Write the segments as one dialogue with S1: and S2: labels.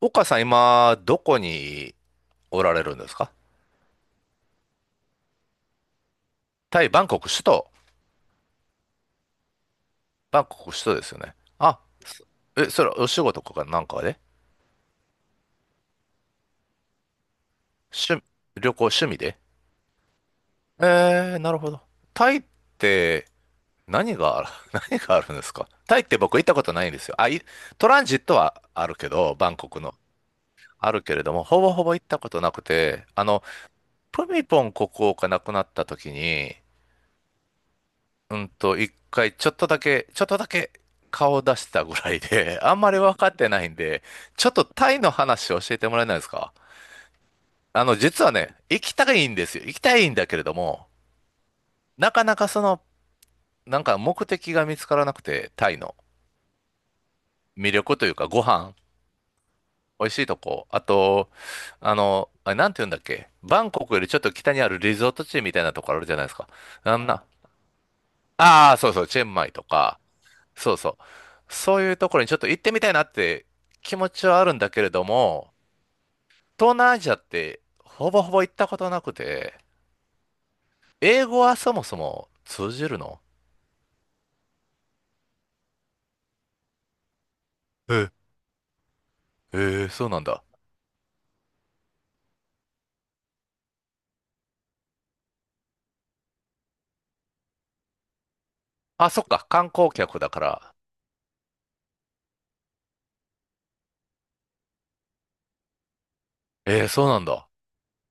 S1: 岡さん、今、どこにおられるんですか？タイ、バンコク、首都。バンコク首都ですよね。あ、そえ、それ、お仕事かなんかで？趣、旅行、趣味で？なるほど。タイって、何がある、何があるんですか？タイって僕行ったことないんですよ。あ、い、トランジットはあるけど、バンコクの。あるけれども、ほぼほぼ行ったことなくて、プミポン国王が亡くなった時に、一回ちょっとだけ顔を出してたぐらいで、あんまり分かってないんで、ちょっとタイの話を教えてもらえないですか？あの、実はね、行きたいんですよ。行きたいんだけれども、なかなかその、なんか目的が見つからなくて、タイの魅力というか、ご飯、美味しいとこ、あと、あの、あれなんて言うんだっけ？バンコクよりちょっと北にあるリゾート地みたいなとこあるじゃないですか？あんな、ああ、そうそう、チェンマイとか、そうそう。そういうところにちょっと行ってみたいなって気持ちはあるんだけれども、東南アジアってほぼほぼ行ったことなくて、英語はそもそも通じるの？え、えー、そうなんだ。あ、そっか、観光客だから。えー、そうなんだ。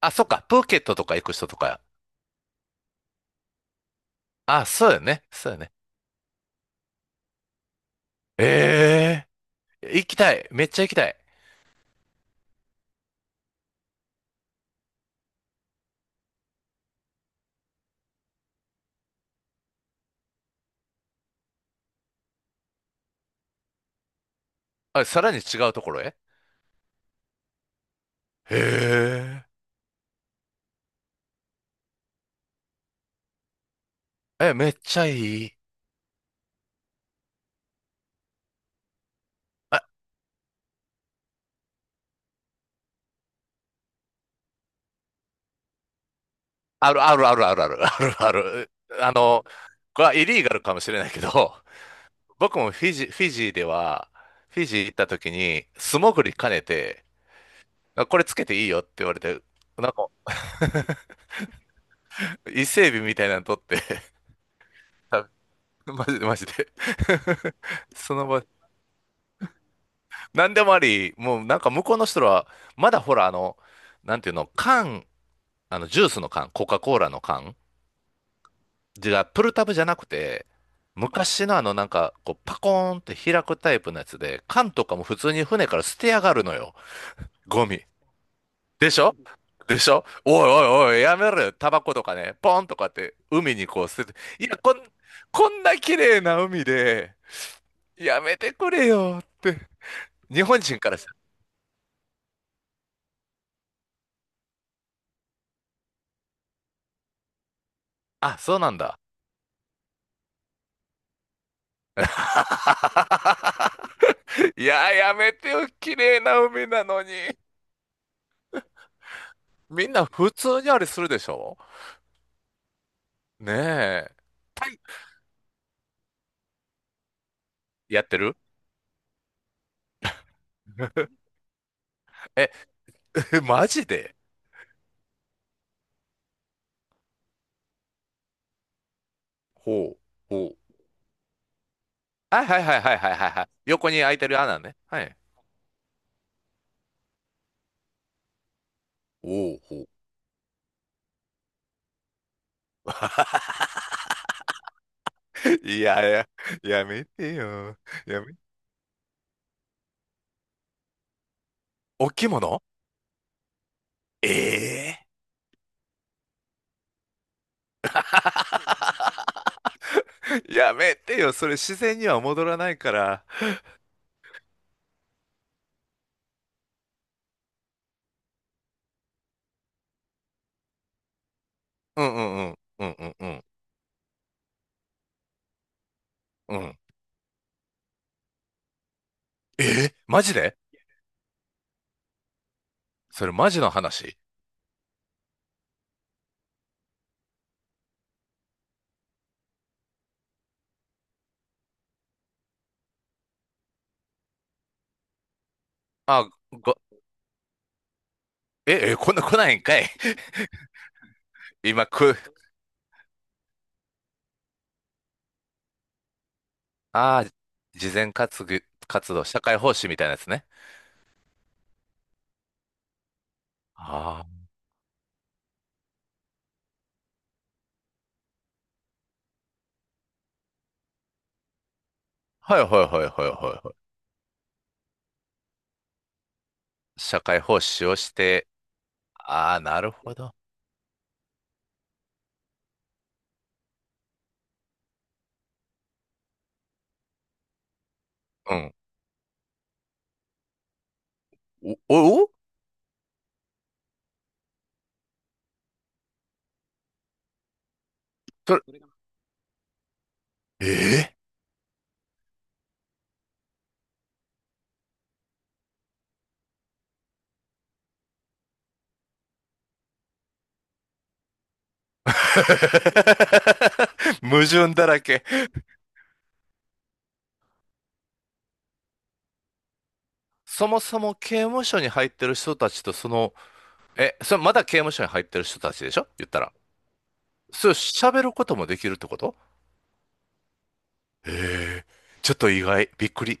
S1: あ、そっか、プーケットとか行く人とか。あ、そうよね、そうよね。えー、行きたい。めっちゃ行きたい。あ、さらに違うところへ？へーえ、めっちゃいい。あるあるあるあるあるあるある。あの、これはイリーガルかもしれないけど、僕もフィジ、フィジーでは、フィジー行った時に素潜り兼ねて、あこれつけていいよって言われて、なんか伊勢海老みたいなの取って、食べマジでマジで その場、なんでもあり、もうなんか向こうの人らは、まだほらあの、なんていうの、缶、あのジュースの缶、コカ・コーラの缶、じゃあ、プルタブじゃなくて、昔のあのなんか、こう、パコーンって開くタイプのやつで、缶とかも普通に船から捨てやがるのよ。ゴミ。でしょ？でしょ？おいおいおい、やめろよ。タバコとかね、ポンとかって海にこう捨てて、いや、こん、こんな綺麗な海で、やめてくれよって。日本人からしたら、あ、そうなんだ。いや、やめてよ。綺麗な海なのに。みんな普通にあれするでしょ？ねえ。やってる え、マジで？ほう、ほう。はいはいはいはいはいはいはい。横に空いてる穴ね。はい。おお、ほう。いやいや、やめてよ。やめ、置物ええーやめてよ。それ自然には戻らないから。うんうんうん。うんうんうん。うん。えーマジで？それマジの話？あ、ご、え、え、こんな来ないんかい？ 今く、ああ、慈善活ぐ活動、社会奉仕みたいなやつね。あ。はいはいはいはいはいはい。社会奉仕をして、ああ、なるほど。うん。お、お、それ、ええ 矛盾だらけ。そもそも刑務所に入ってる人たちとその、え、それまだ刑務所に入ってる人たちでしょ？言ったら。それ喋ることもできるってこと？ええちょっと意外。びっくり。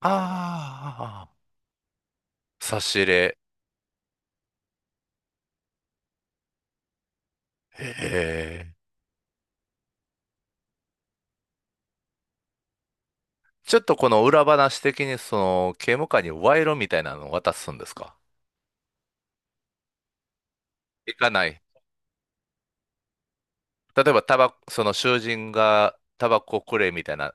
S1: ああ、差し入れ。ええちょっとこの裏話的にその刑務官に賄賂みたいなのを渡すんですか？行かない。例えば、タバ、その囚人がタバコくれみたいな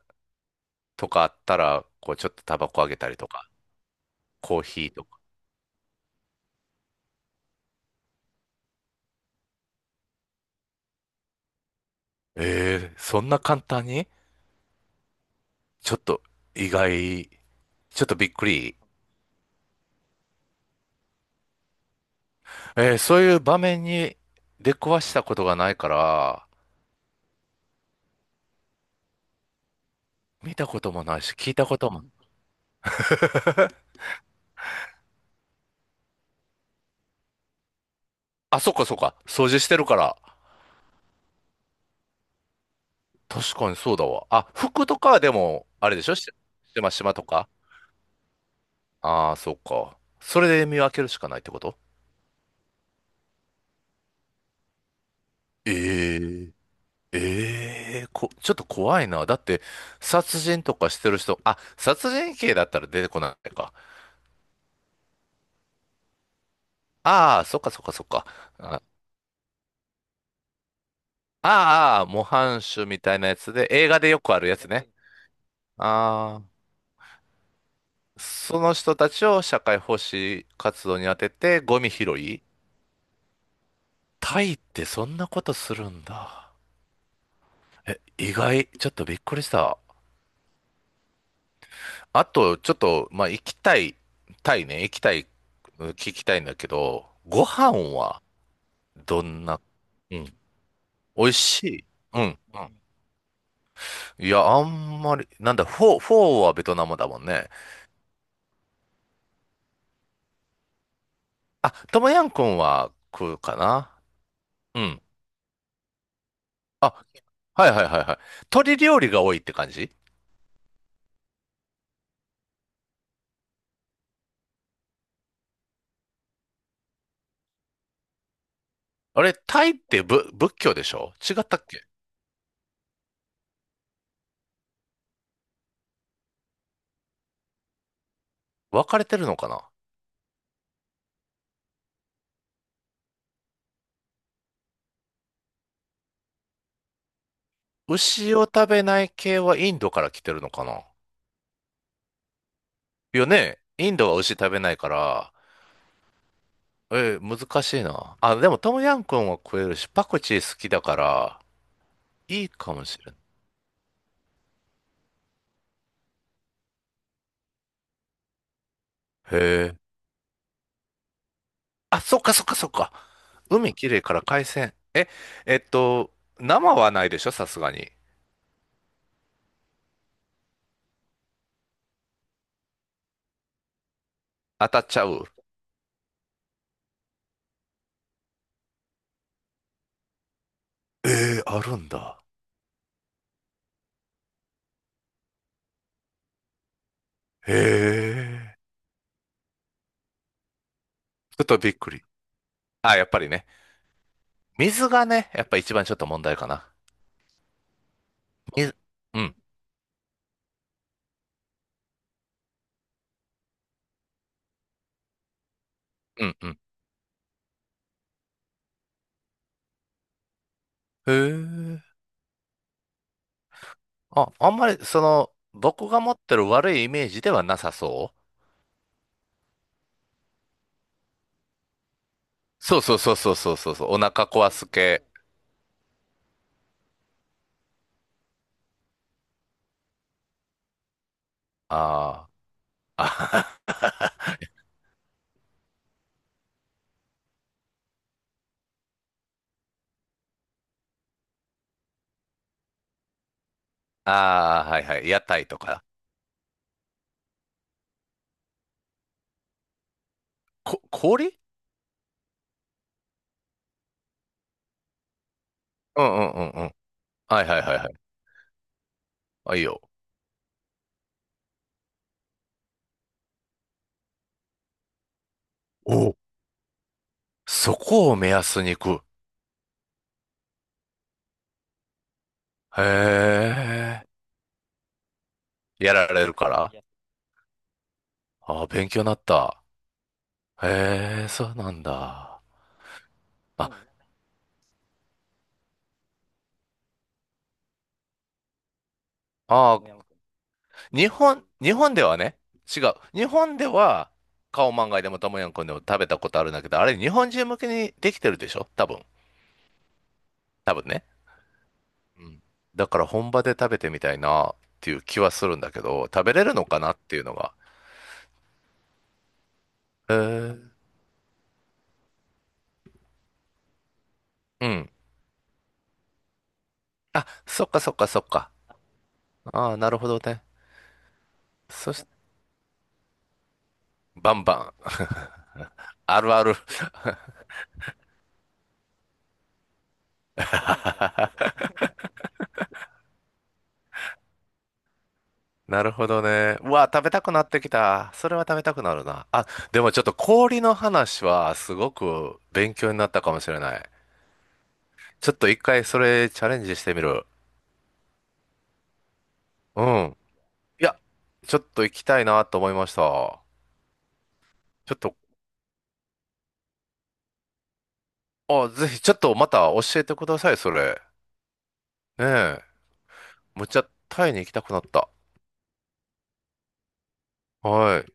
S1: とかあったら、こう、ちょっとタバコあげたりとか、コーヒーとか。えー、そんな簡単に？ちょっと意外、ちょっとびっくり。えー、そういう場面に出くわしたことがないから、見たこともないし、聞いたことも。あ、そっかそっか。掃除してるから。確かにそうだわ。あ、服とかはでも、あれでしょ？し、しましまとか。ああ、そっか。それで見分けるしかないってこと？ええええこ、ちょっと怖いな。だって、殺人とかしてる人、あ、殺人刑だったら出てこないか。ああ、そっかそっかそっか。あああ、模範囚みたいなやつで、映画でよくあるやつね。ああ、その人たちを社会奉仕活動に当てて、ゴミ拾い。タイってそんなことするんだ。意外、ちょっとびっくりした。あと、ちょっと、まあ、行きたい、タイね、行きたい、うん聞きたいんだけど、ご飯はどんな、うん。美味しい。うん、うん。いや、あんまり、なんだ、フォー、フォーはベトナムだもんね。あ、トムヤン君は食うかな。うん。あ、はいはいはいはい。鶏料理が多いって感じ？あれ、タイってぶ仏教でしょ？違ったっけ？分かれてるのかな？牛を食べない系はインドから来てるのかな？よね。インドは牛食べないから、えー、難しいな。あ、でもトムヤン君は食えるし、パクチー好きだから、いいかもしれん。へえ。あ、そっかそっかそっか。海きれいから海鮮。え、えっと、生はないでしょ？さすがに。当たっちゃう。ええあるんだ。ええちょっとびっくり。あ、やっぱりね。水がね、やっぱ一番ちょっと問題かな。水、うん、うん、うん。へえ。あ、あんまり、その、僕が持ってる悪いイメージではなさそうそうそうそうそうそうそうそう。お腹壊す系。あーあ。ああ、はいはい。屋台とか。こ、氷うんうんうんはいはいはいはい。あ、いいよ。お、そこを目安に行く。へえ。やられるから？ああ、勉強になった。へえ、そうなんだ。あ、ああ、日本、日本ではね、違う。日本では、カオマンガイでもトムヤムクンでも食べたことあるんだけど、あれ日本人向けにできてるでしょ？多分。多分ね。うん。だから本場で食べてみたいなっていう気はするんだけど、食べれるのかなっていうのが。へえ。うん。あ、そっかそっかそっか。ああ、なるほどね。そし、バンバン。あるある。なるほどね。うわ、食べたくなってきた。それは食べたくなるな。あ、でもちょっと氷の話はすごく勉強になったかもしれない。ちょっと一回それチャレンジしてみる。うん。いや、ちょっと行きたいなと思いました。ちょっと、あ、ぜひちょっとまた教えてください、それ。ねえ。むっちゃタイに行きたくなった。はい。